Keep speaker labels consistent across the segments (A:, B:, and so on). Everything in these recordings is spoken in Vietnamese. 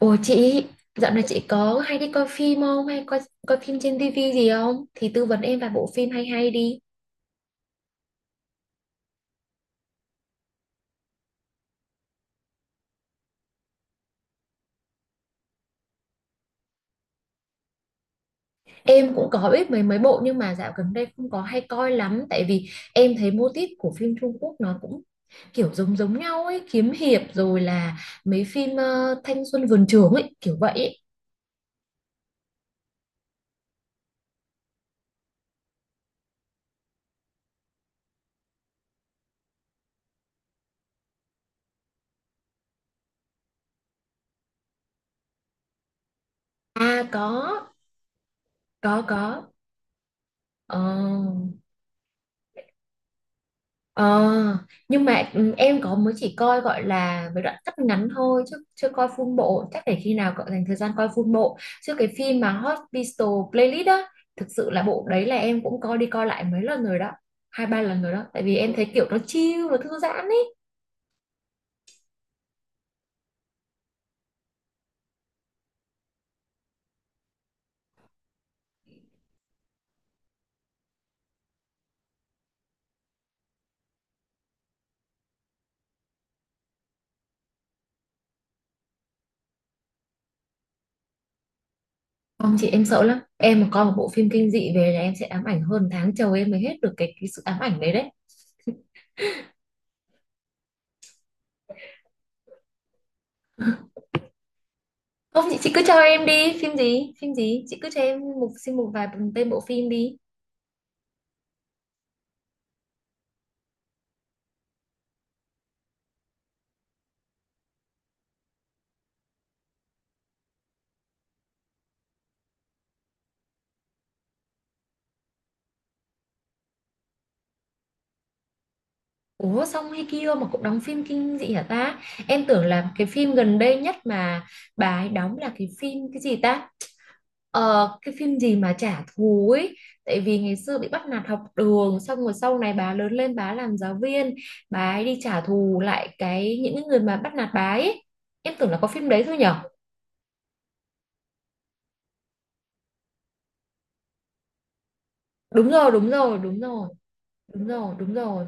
A: Ủa chị, dạo này chị có hay đi coi phim không? Hay coi coi phim trên tivi gì không? Thì tư vấn em vài bộ phim hay hay đi. Em cũng có biết mấy mấy bộ nhưng mà dạo gần đây không có hay coi lắm tại vì em thấy mô típ của phim Trung Quốc nó cũng kiểu giống giống nhau ấy, kiếm hiệp rồi là mấy phim thanh xuân vườn trường ấy, kiểu vậy ấy. À có, có. Ờ. Ờ, nhưng mà em có mới chỉ coi gọi là với đoạn cắt ngắn thôi chứ chưa coi full bộ, chắc để khi nào cậu dành thời gian coi full bộ chứ cái phim mà Hospital Playlist á, thực sự là bộ đấy là em cũng coi đi coi lại mấy lần rồi đó, hai ba lần rồi đó, tại vì em thấy kiểu nó chill nó thư giãn ấy. Không chị, em sợ lắm, em mà coi một bộ phim kinh dị về là em sẽ ám ảnh hơn tháng trời em mới hết được cái sự ám ảnh đấy đấy. Không chị, chị cứ cho em đi, phim gì chị cứ cho em xin một vài tên bộ phim đi. Ủa xong hay kia mà cũng đóng phim kinh dị hả ta? Em tưởng là cái phim gần đây nhất mà bà ấy đóng là cái phim cái gì ta? Ờ, cái phim gì mà trả thù ấy. Tại vì ngày xưa bị bắt nạt học đường xong rồi sau này bà lớn lên bà làm giáo viên. Bà ấy đi trả thù lại cái những cái người mà bắt nạt bà ấy. Em tưởng là có phim đấy thôi nhở? Đúng rồi, đúng rồi, đúng rồi, đúng rồi, đúng rồi.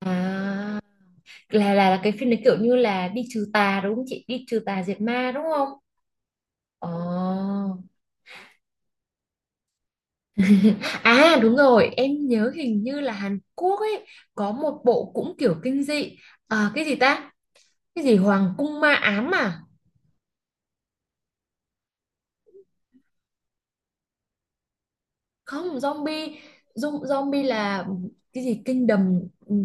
A: À, là cái phim đấy kiểu như là đi trừ tà đúng không chị? Đi trừ tà diệt ma đúng không? Ờ. À đúng rồi, em nhớ hình như là Hàn Quốc ấy có một bộ cũng kiểu kinh dị. À, cái gì ta? Cái gì Hoàng cung ma ám à? Không, zombie. Zombie là cái gì kinh đầm,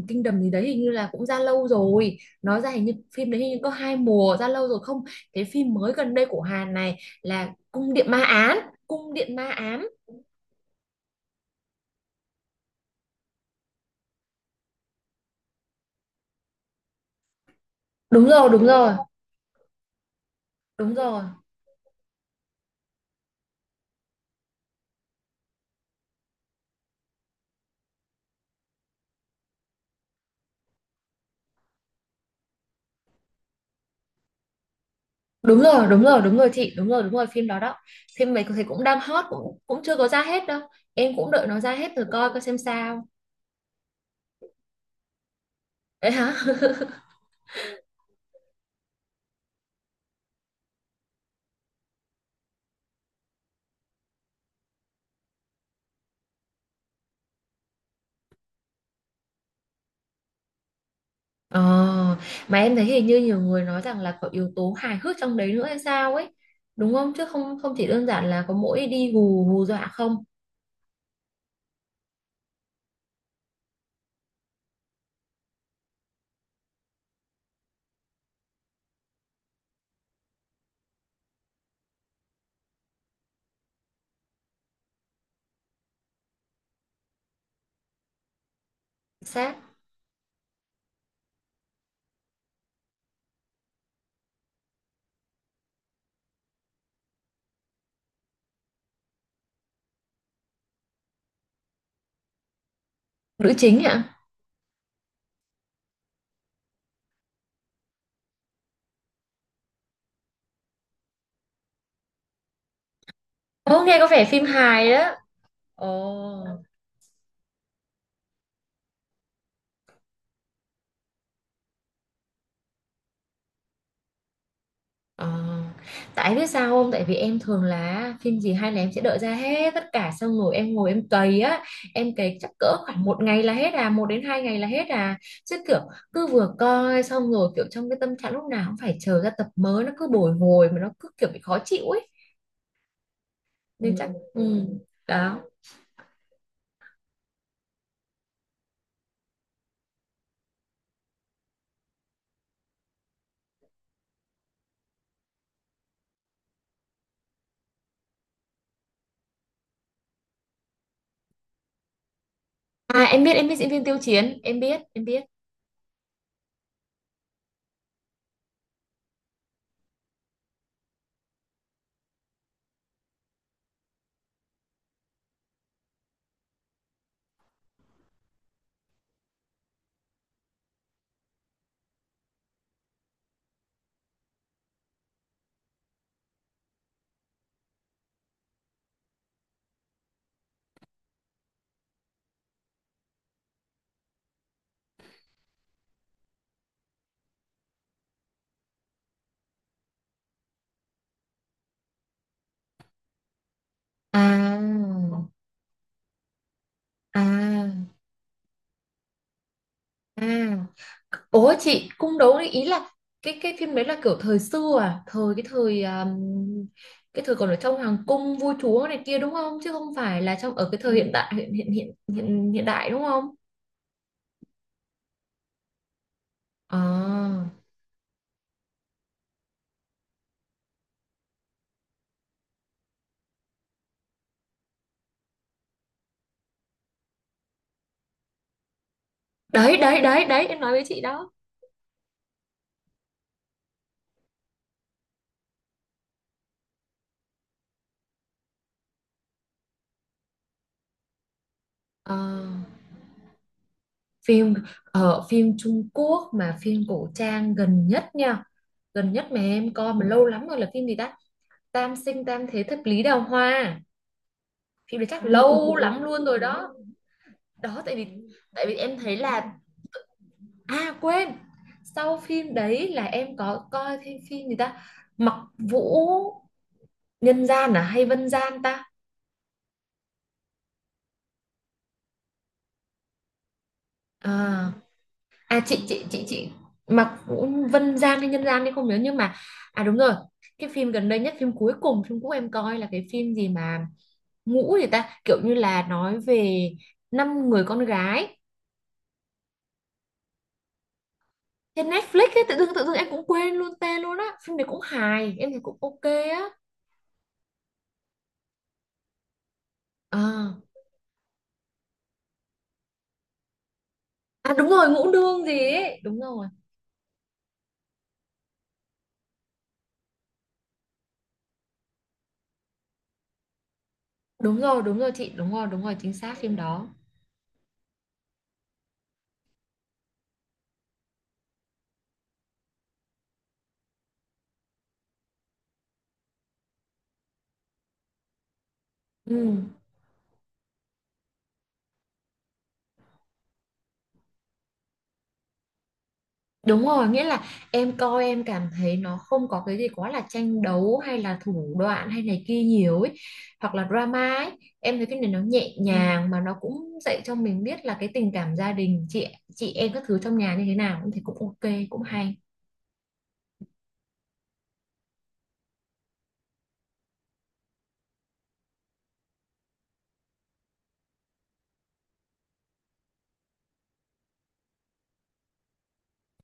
A: kinh đầm gì đấy hình như là cũng ra lâu rồi. Nó ra hình như phim đấy hình như có hai mùa ra lâu rồi không? Cái phim mới gần đây của Hàn này là Cung điện ma ám, Cung điện ma ám. Đúng rồi, đúng rồi, đúng rồi. Đúng rồi, đúng rồi, đúng rồi chị, đúng rồi, đúng rồi, phim đó đó. Phim này thì cũng đang hot, cũng cũng chưa có ra hết đâu, em cũng đợi nó ra hết rồi coi coi xem sao. Đấy hả. Ờ, mà em thấy hình như nhiều người nói rằng là có yếu tố hài hước trong đấy nữa hay sao ấy, đúng không? Chứ không không chỉ đơn giản là có mỗi đi hù hù dọa không. Xác. Nữ chính hả? Ô nghe có vẻ phim hài đó. Ồ. Ờ, tại biết sao không? Tại vì em thường là phim gì hay là em sẽ đợi ra hết tất cả xong rồi em ngồi em cày á, em cày chắc cỡ khoảng một ngày là hết à, một đến hai ngày là hết à, chứ kiểu cứ vừa coi xong rồi kiểu trong cái tâm trạng lúc nào cũng phải chờ ra tập mới, nó cứ bồi hồi mà nó cứ kiểu bị khó chịu ấy, nên chắc đó. À em biết diễn viên Tiêu Chiến, em biết em biết. À, à. À, ủa chị cung đấu đấy ý là cái phim đấy là kiểu thời xưa à, thời cái thời cái thời còn ở trong hoàng cung vua chúa này kia đúng không? Chứ không phải là trong ở cái thời hiện đại hiện hiện hiện hiện, hiện đại đúng không? À, đấy đấy em nói với chị đó. À, phim ở phim Trung Quốc mà phim cổ trang gần nhất nha, gần nhất mà em coi mà lâu lắm rồi là phim gì ta? Tam sinh tam thế thập lý đào hoa. Phim đấy chắc. À, ừ, ừ, lâu ừ lắm luôn rồi đó. Đó tại vì, tại vì em thấy là, à quên, sau phim đấy là em có coi thêm phim gì ta. Mặc Vũ Nhân Gian à hay Vân Gian ta? À, à chị chị, Mặc Vũ Vân Gian hay Nhân Gian thì không nhớ, nhưng mà à đúng rồi, cái phim gần đây nhất phim cuối cùng phim cũ em coi là cái phim gì mà ngũ gì ta, kiểu như là nói về năm người con gái trên Netflix ấy. Tự dưng em cũng quên luôn tên luôn á, phim này cũng hài em thấy cũng ok á. À, À đúng rồi, Ngũ Nương gì ấy. Đúng rồi. Đúng rồi, đúng rồi chị, đúng rồi, chính xác phim đó. Ừ. Đúng rồi, nghĩa là em coi em cảm thấy nó không có cái gì quá là tranh đấu hay là thủ đoạn hay này kia nhiều ấy, hoặc là drama ấy. Em thấy cái này nó nhẹ. Ừ. Nhàng mà nó cũng dạy cho mình biết là cái tình cảm gia đình chị em các thứ trong nhà như thế nào, cũng thấy cũng ok, cũng hay.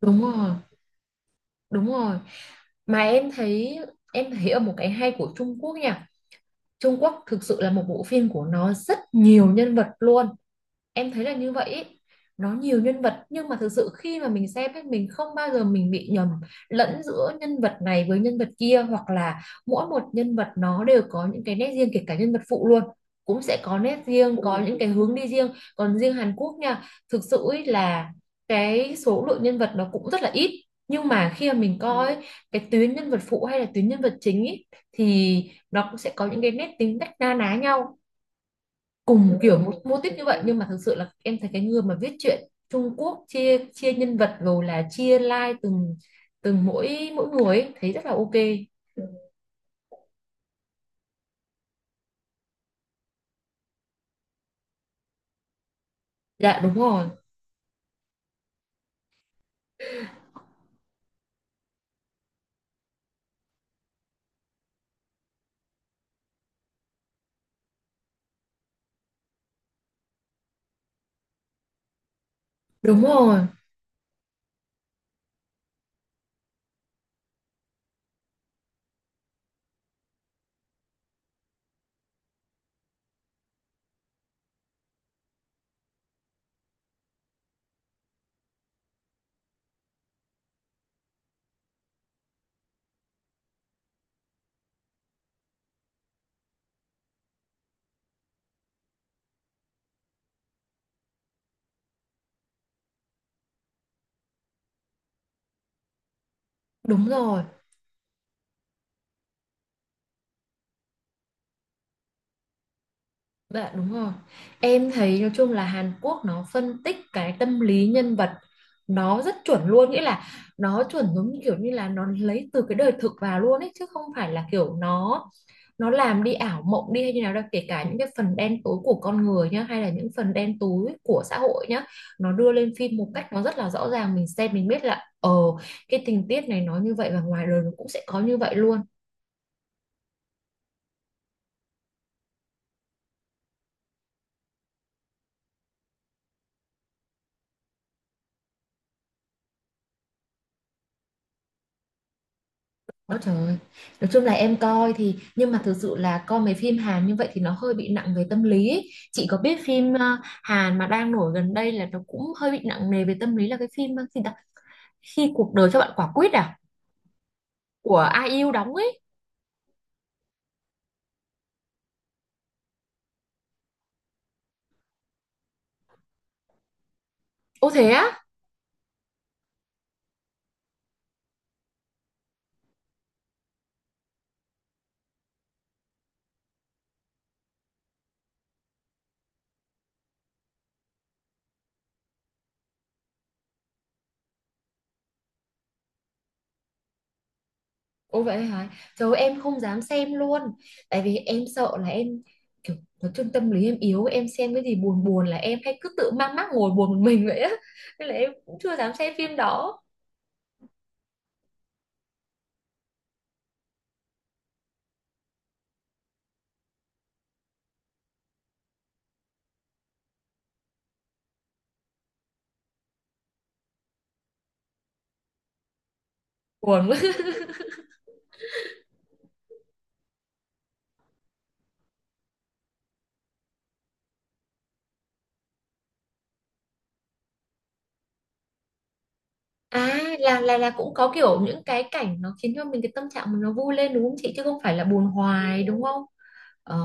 A: Đúng rồi, đúng rồi. Mà em thấy, ở một cái hay của Trung Quốc nha, Trung Quốc thực sự là một bộ phim của nó rất nhiều nhân vật luôn, em thấy là như vậy ý. Nó nhiều nhân vật nhưng mà thực sự khi mà mình xem ấy, mình không bao giờ mình bị nhầm lẫn giữa nhân vật này với nhân vật kia, hoặc là mỗi một nhân vật nó đều có những cái nét riêng, kể cả nhân vật phụ luôn cũng sẽ có nét riêng, có. Ừ. Những cái hướng đi riêng. Còn riêng Hàn Quốc nha, thực sự ý là cái số lượng nhân vật nó cũng rất là ít, nhưng mà khi mà mình coi ấy, cái tuyến nhân vật phụ hay là tuyến nhân vật chính ý, thì nó cũng sẽ có những cái nét tính cách na ná nhau, cùng kiểu một mô típ như vậy. Nhưng mà thực sự là em thấy cái người mà viết truyện Trung Quốc chia chia nhân vật rồi là chia line từng từng mỗi mỗi người ấy, thấy rất là ok. Dạ đúng rồi, đúng rồi, đúng rồi. Dạ đúng rồi. Em thấy nói chung là Hàn Quốc nó phân tích cái tâm lý nhân vật nó rất chuẩn luôn, nghĩa là nó chuẩn giống như kiểu như là nó lấy từ cái đời thực vào luôn ấy, chứ không phải là kiểu nó làm đi ảo mộng đi hay như nào đâu, kể cả những cái phần đen tối của con người nhá hay là những phần đen tối của xã hội nhá, nó đưa lên phim một cách nó rất là rõ ràng, mình xem mình biết là cái tình tiết này nó như vậy và ngoài đời nó cũng sẽ có như vậy luôn. Ôi trời. Nói chung là em coi thì nhưng mà thực sự là coi mấy phim Hàn như vậy thì nó hơi bị nặng về tâm lý ấy. Chị có biết phim Hàn mà đang nổi gần đây là nó cũng hơi bị nặng nề về tâm lý là cái phim gì đó, Khi cuộc đời cho bạn quả quýt à, của Ai yêu đóng ấy. Ô thế á. Ô vậy hả. Trời ơi, em không dám xem luôn. Tại vì em sợ là em kiểu, nói chung tâm lý em yếu, em xem cái gì buồn buồn là em hay cứ tự mang mác ngồi buồn một mình vậy á. Nên là em cũng chưa dám xem phim đó. Buồn. À là cũng có kiểu những cái cảnh nó khiến cho mình cái tâm trạng mình nó vui lên đúng không chị, chứ không phải là buồn hoài đúng không? Ờ.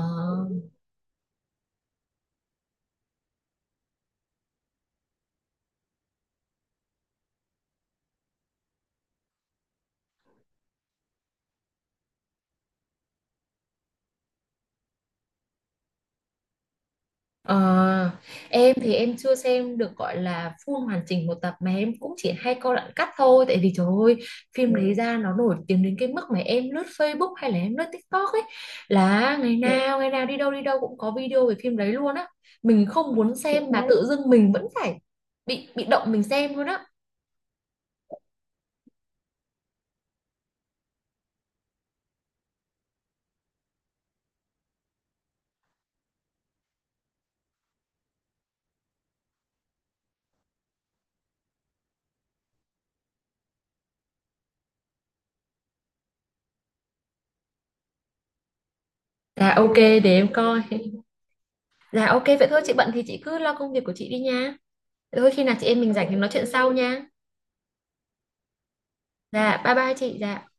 A: Ờ, em thì em chưa xem được gọi là full hoàn chỉnh một tập mà em cũng chỉ hay coi đoạn cắt thôi tại vì trời ơi, phim đấy ra nó nổi tiếng đến cái mức mà em lướt Facebook hay là em lướt TikTok ấy, là ngày nào đi đâu cũng có video về phim đấy luôn á. Mình không muốn xem mà tự dưng mình vẫn phải bị động mình xem luôn á. À ok để em coi. Dạ ok vậy thôi chị bận thì chị cứ lo công việc của chị đi nha. Thôi khi nào chị em mình rảnh thì nói chuyện sau nha. Dạ bye bye chị. Dạ.